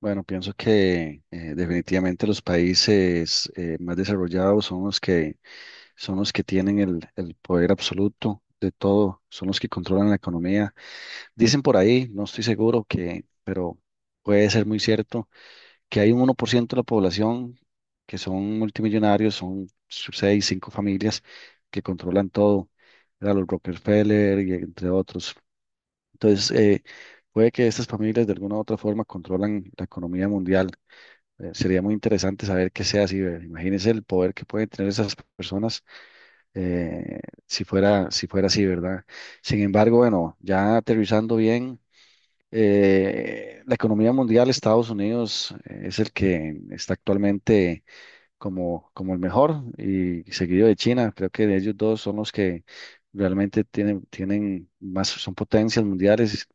Bueno, pienso que definitivamente los países más desarrollados son los que tienen el poder absoluto de todo, son los que controlan la economía. Dicen por ahí, no estoy seguro que, pero puede ser muy cierto, que hay un 1% de la población que son multimillonarios, son seis, cinco familias que controlan todo, ¿verdad? Los Rockefeller y entre otros. Entonces, puede que estas familias de alguna u otra forma controlan la economía mundial. Sería muy interesante saber qué sea así, ¿verdad? Imagínense el poder que pueden tener esas personas eh, si fuera así, ¿verdad? Sin embargo, bueno, ya aterrizando bien, la economía mundial, Estados Unidos es el que está actualmente como el mejor y seguido de China. Creo que ellos dos son los que realmente tienen más, son potencias mundiales.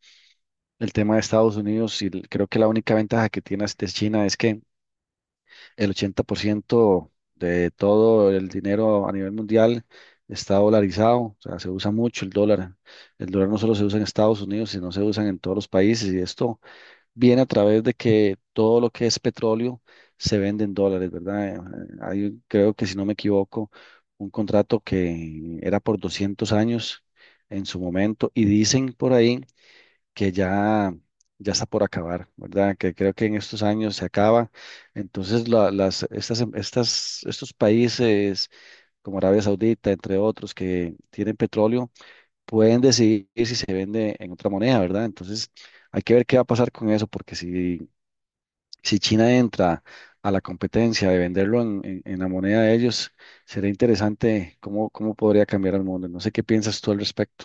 El tema de Estados Unidos y creo que la única ventaja que tiene de China es que el 80% de todo el dinero a nivel mundial está dolarizado, o sea, se usa mucho el dólar. El dólar no solo se usa en Estados Unidos, sino se usa en todos los países y esto viene a través de que todo lo que es petróleo se vende en dólares, ¿verdad? Creo que si no me equivoco, un contrato que era por 200 años en su momento y dicen por ahí que ya, ya está por acabar, ¿verdad? Que creo que en estos años se acaba. Entonces, la- las, estas, em- estas, estos países como Arabia Saudita, entre otros, que tienen petróleo, pueden decidir si se vende en otra moneda, ¿verdad? Entonces, hay que ver qué va a pasar con eso, porque si China entra a la competencia de venderlo en la moneda de ellos, sería interesante cómo podría cambiar el mundo. No sé qué piensas tú al respecto.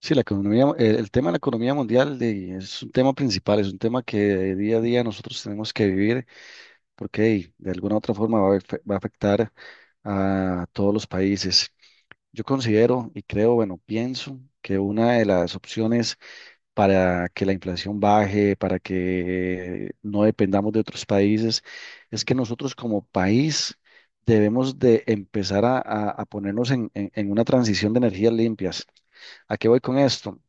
Sí, la economía, el tema de la economía mundial es un tema principal, es un tema que de día a día nosotros tenemos que vivir porque hey, de alguna u otra forma va a afectar a todos los países. Yo considero y creo, bueno, pienso que una de las opciones para que la inflación baje, para que no dependamos de otros países, es que nosotros como país debemos de empezar a ponernos en en una transición de energías limpias. ¿A qué voy con esto?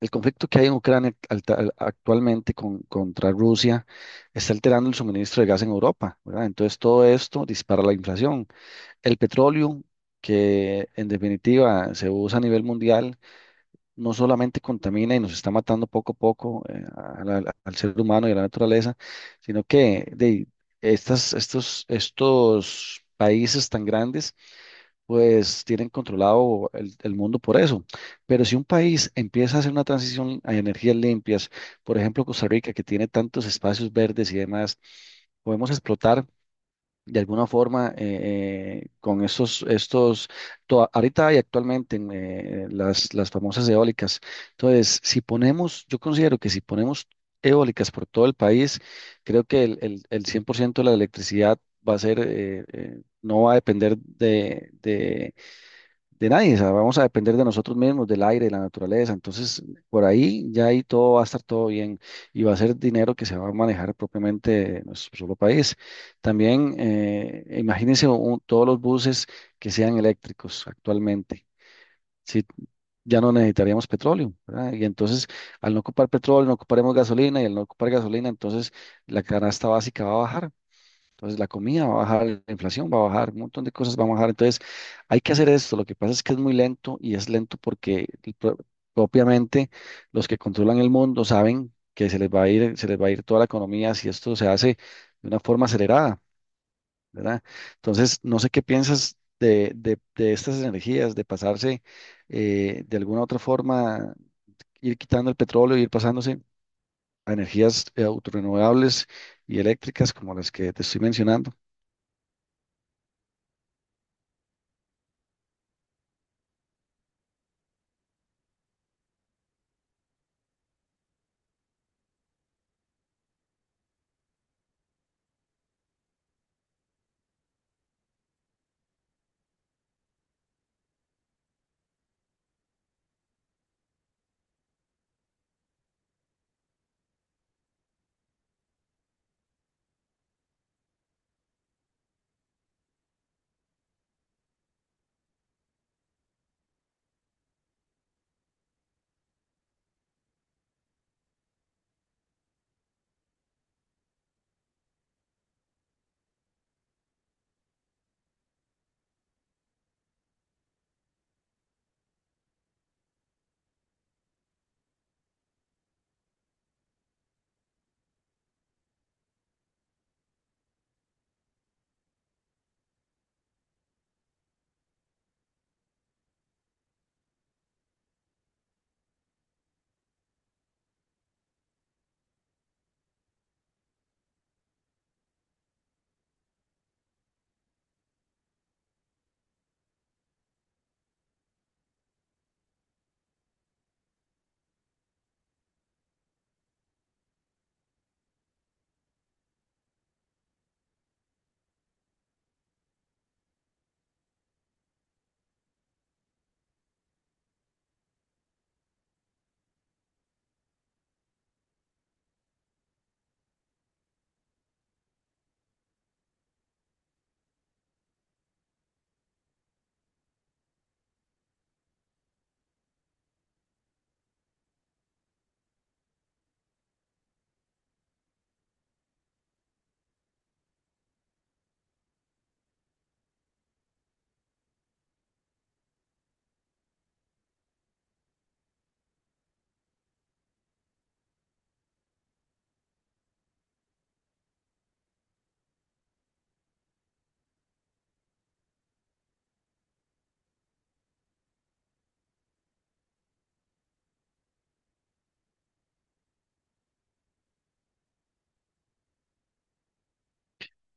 El conflicto que hay en Ucrania actualmente contra Rusia está alterando el suministro de gas en Europa, ¿verdad? Entonces todo esto dispara la inflación. El petróleo, que en definitiva se usa a nivel mundial, no solamente contamina y nos está matando poco a poco al ser humano y a la naturaleza, sino que de estos países tan grandes pues tienen controlado el mundo por eso. Pero si un país empieza a hacer una transición a energías limpias, por ejemplo Costa Rica, que tiene tantos espacios verdes y demás, podemos explotar de alguna forma con ahorita y actualmente las famosas eólicas. Entonces, si ponemos, yo considero que si ponemos eólicas por todo el país, creo que el 100% de la electricidad va a ser, no va a depender de nadie, o sea, vamos a depender de nosotros mismos, del aire, de la naturaleza. Entonces, por ahí ya ahí todo va a estar todo bien y va a ser dinero que se va a manejar propiamente en nuestro solo país. También, imagínense todos los buses que sean eléctricos actualmente. Sí, ya no necesitaríamos petróleo, ¿verdad? Y entonces, al no ocupar petróleo, no ocuparemos gasolina y al no ocupar gasolina, entonces la canasta básica va a bajar. Entonces la comida va a bajar, la inflación va a bajar, un montón de cosas van a bajar. Entonces hay que hacer esto. Lo que pasa es que es muy lento y es lento porque propiamente los que controlan el mundo saben que se les va a ir toda la economía si esto se hace de una forma acelerada, ¿verdad? Entonces no sé qué piensas de estas energías, de pasarse de alguna otra forma, ir quitando el petróleo, ir pasándose a energías autorrenovables y eléctricas como las que te estoy mencionando.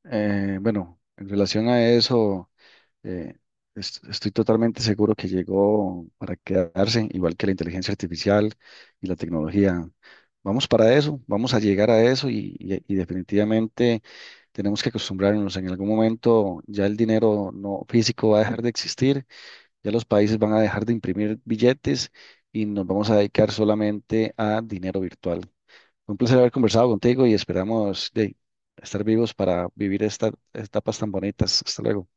Bueno, en relación a eso, eh, estoy totalmente seguro que llegó para quedarse, igual que la inteligencia artificial y la tecnología. Vamos para eso, vamos a llegar a eso y definitivamente tenemos que acostumbrarnos. En algún momento ya el dinero no físico va a dejar de existir, ya los países van a dejar de imprimir billetes y nos vamos a dedicar solamente a dinero virtual. Fue un placer haber conversado contigo y esperamos de estar vivos para vivir estas etapas tan bonitas. Hasta luego.